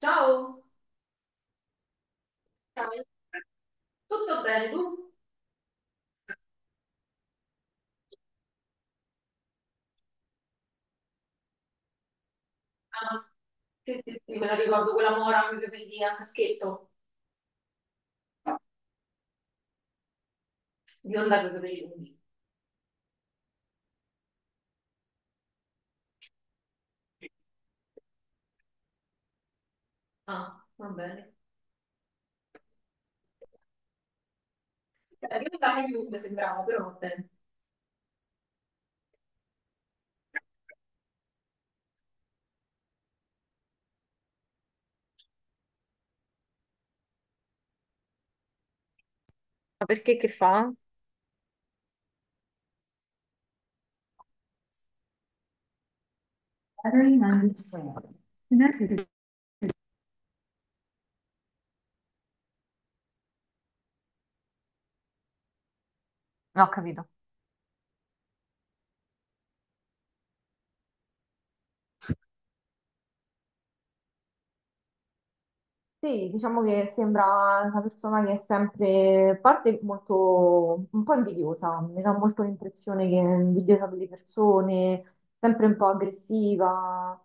Ciao, dai, tutto bene tu? Ah, sì, sì, sì, me la ricordo quella mora con i capelli a caschetto, bionda con i capelli lunghi. Ah, va bene. La bionda anche più mi sembrava, però va bene. Ma perché che fa? Allora rimane. Non ho capito. Sì, diciamo che sembra una persona che è sempre, a parte molto, un po' invidiosa, mi dà molto l'impressione che è invidiosa delle persone, sempre un po' aggressiva,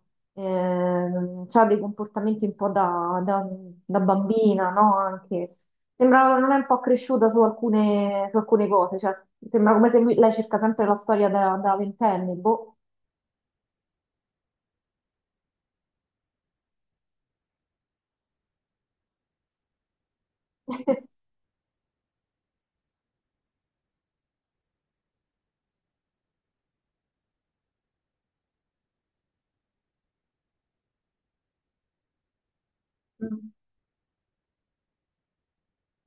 ha dei comportamenti un po' da bambina, no? Anche, sembra non è un po' cresciuta su alcune cose, cioè sembra come se lei cerca sempre la storia da ventenne, boh. Mm.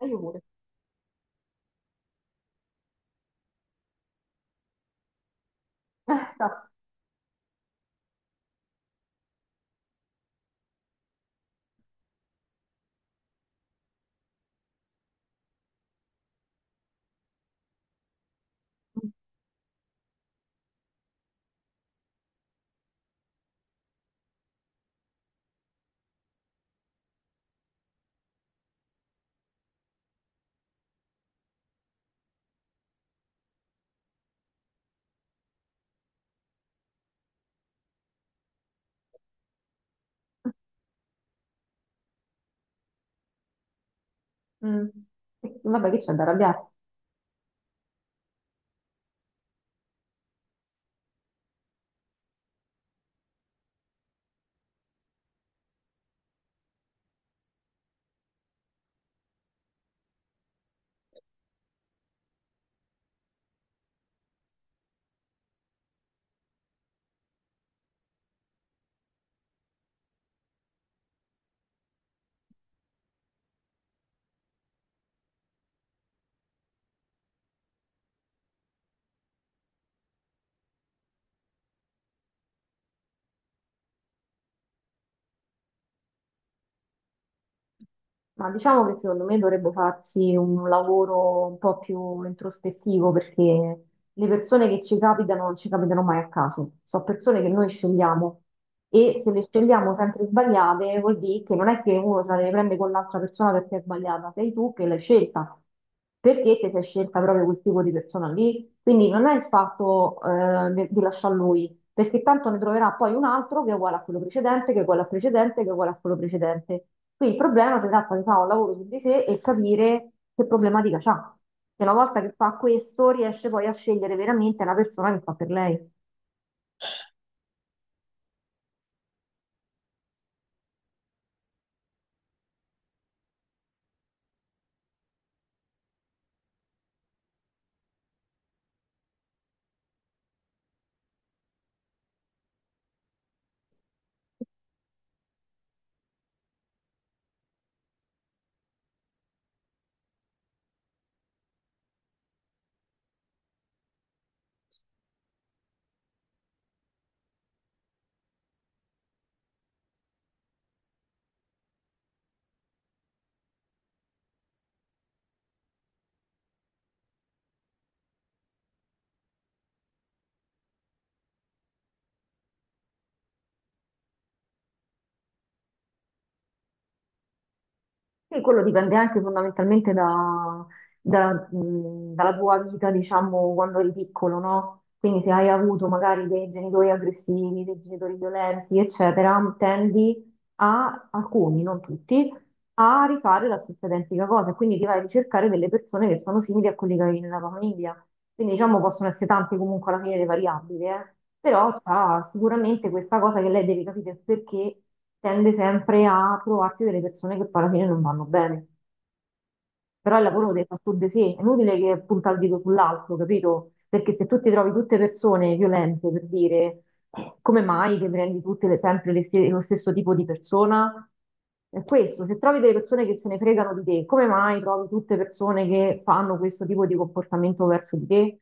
E io pure. Esatto. Mm. Vabbè, che c'è da arrabbiarsi? Ma diciamo che secondo me dovrebbe farsi un lavoro un po' più introspettivo, perché le persone che ci capitano non ci capitano mai a caso, sono persone che noi scegliamo, e se le scegliamo sempre sbagliate vuol dire che non è che uno se le prende con l'altra persona perché è sbagliata, sei tu che l'hai scelta perché ti sei scelta proprio quel tipo di persona lì. Quindi non è il fatto di lasciar lui, perché tanto ne troverà poi un altro che è uguale a quello precedente, che è uguale al precedente, che è uguale a quello precedente. Qui il problema si tratta di fare un lavoro su di sé e capire che problematica c'ha. Che una volta che fa questo riesce poi a scegliere veramente la persona che fa per lei. Sì, quello dipende anche fondamentalmente dalla tua vita, diciamo, quando eri piccolo, no? Quindi se hai avuto magari dei genitori aggressivi, dei genitori violenti, eccetera, tendi a, alcuni, non tutti, a rifare la stessa identica cosa, quindi ti vai a ricercare delle persone che sono simili a quelli che avevi nella tua famiglia. Quindi diciamo possono essere tante comunque alla fine le variabili, eh. Però c'ha sicuramente questa cosa che lei deve capire il perché tende sempre a trovarsi delle persone che poi alla fine non vanno bene. Però il lavoro lo deve fare su di sé, è inutile che punta il dito sull'altro, capito? Perché se tu ti trovi tutte persone violente, per dire, come mai che prendi tutte sempre lo stesso tipo di persona? È questo, se trovi delle persone che se ne fregano di te, come mai trovi tutte persone che fanno questo tipo di comportamento verso di te?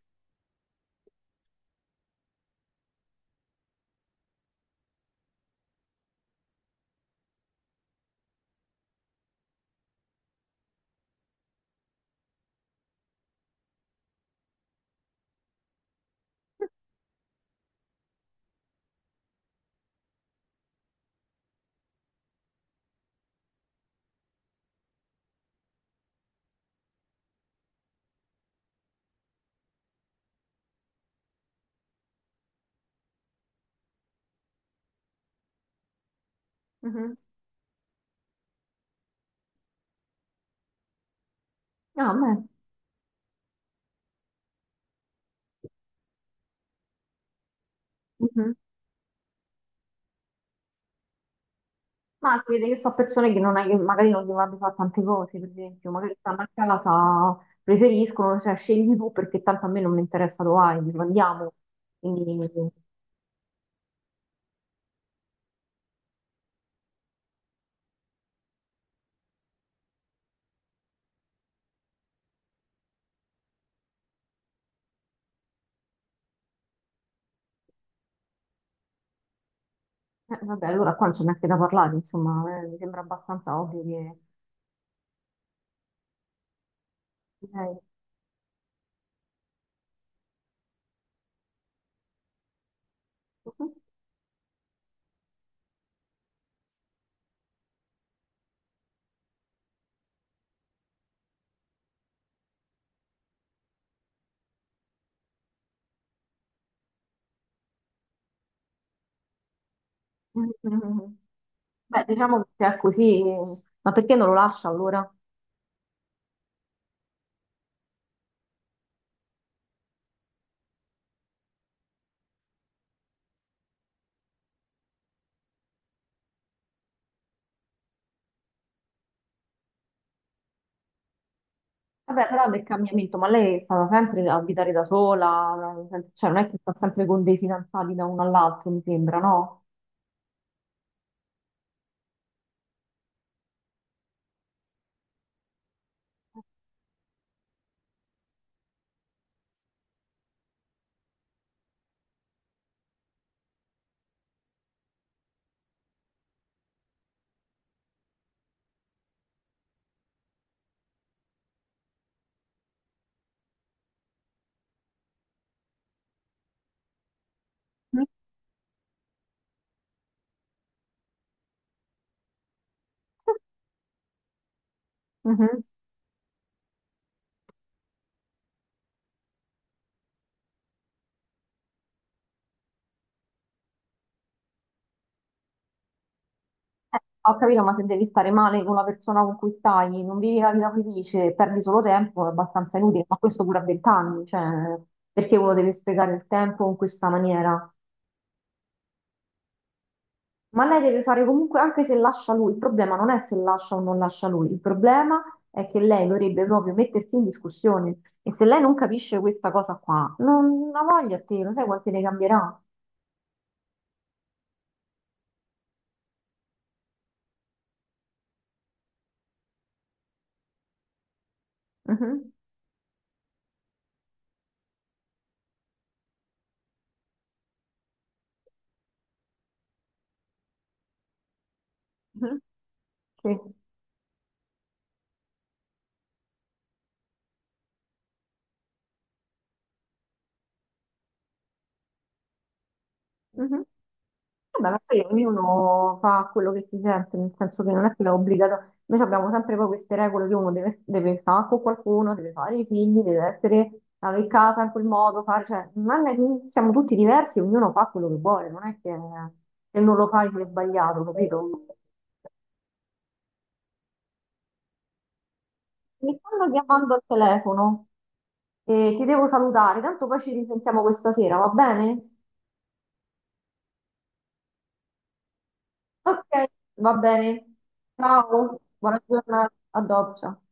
Mhm. Ah, beh. Mhm. Ma si vede che sono persone che, non hai- che magari non devono fare tante cose, per esempio, magari stanno a casa, preferiscono, cioè scegli tu perché tanto a me non mi interessa Hawaii, andiamo. Quindi, vabbè, allora qua non c'è neanche da parlare, insomma, mi sembra abbastanza ovvio che... direi. Mhm. Beh, diciamo che se è così, ma perché non lo lascia allora? Vabbè, però del cambiamento, ma lei è stata sempre a abitare da sola, cioè non è che sta sempre con dei fidanzati da uno all'altro, mi sembra, no? Mm. Mhm. Ho capito, ma se devi stare male con la persona con cui stai, non vivi la vita felice, perdi solo tempo, è abbastanza inutile, ma questo pure a 20 anni, cioè perché uno deve sprecare il tempo in questa maniera? Ma lei deve fare comunque, anche se lascia lui, il problema non è se lascia o non lascia lui, il problema è che lei dovrebbe proprio mettersi in discussione, e se lei non capisce questa cosa qua, non ha voglia a te, lo sai quanti ne cambierà? Mhm, mhm, sì. Mhm. Vabbè, ma poi ognuno fa quello che si sente, nel senso che non è che è obbligato. Noi abbiamo sempre poi queste regole che uno deve, deve stare con qualcuno, deve fare i figli, deve essere avere casa in quel modo, fare, cioè, non è che siamo tutti diversi, ognuno fa quello che vuole, non è che se non lo fai sei sbagliato, capito? Mi stanno chiamando al telefono e ti devo salutare, tanto poi ci risentiamo questa sera, va bene? Ok, va bene. Ciao, buona giornata, a dopo. Ciao.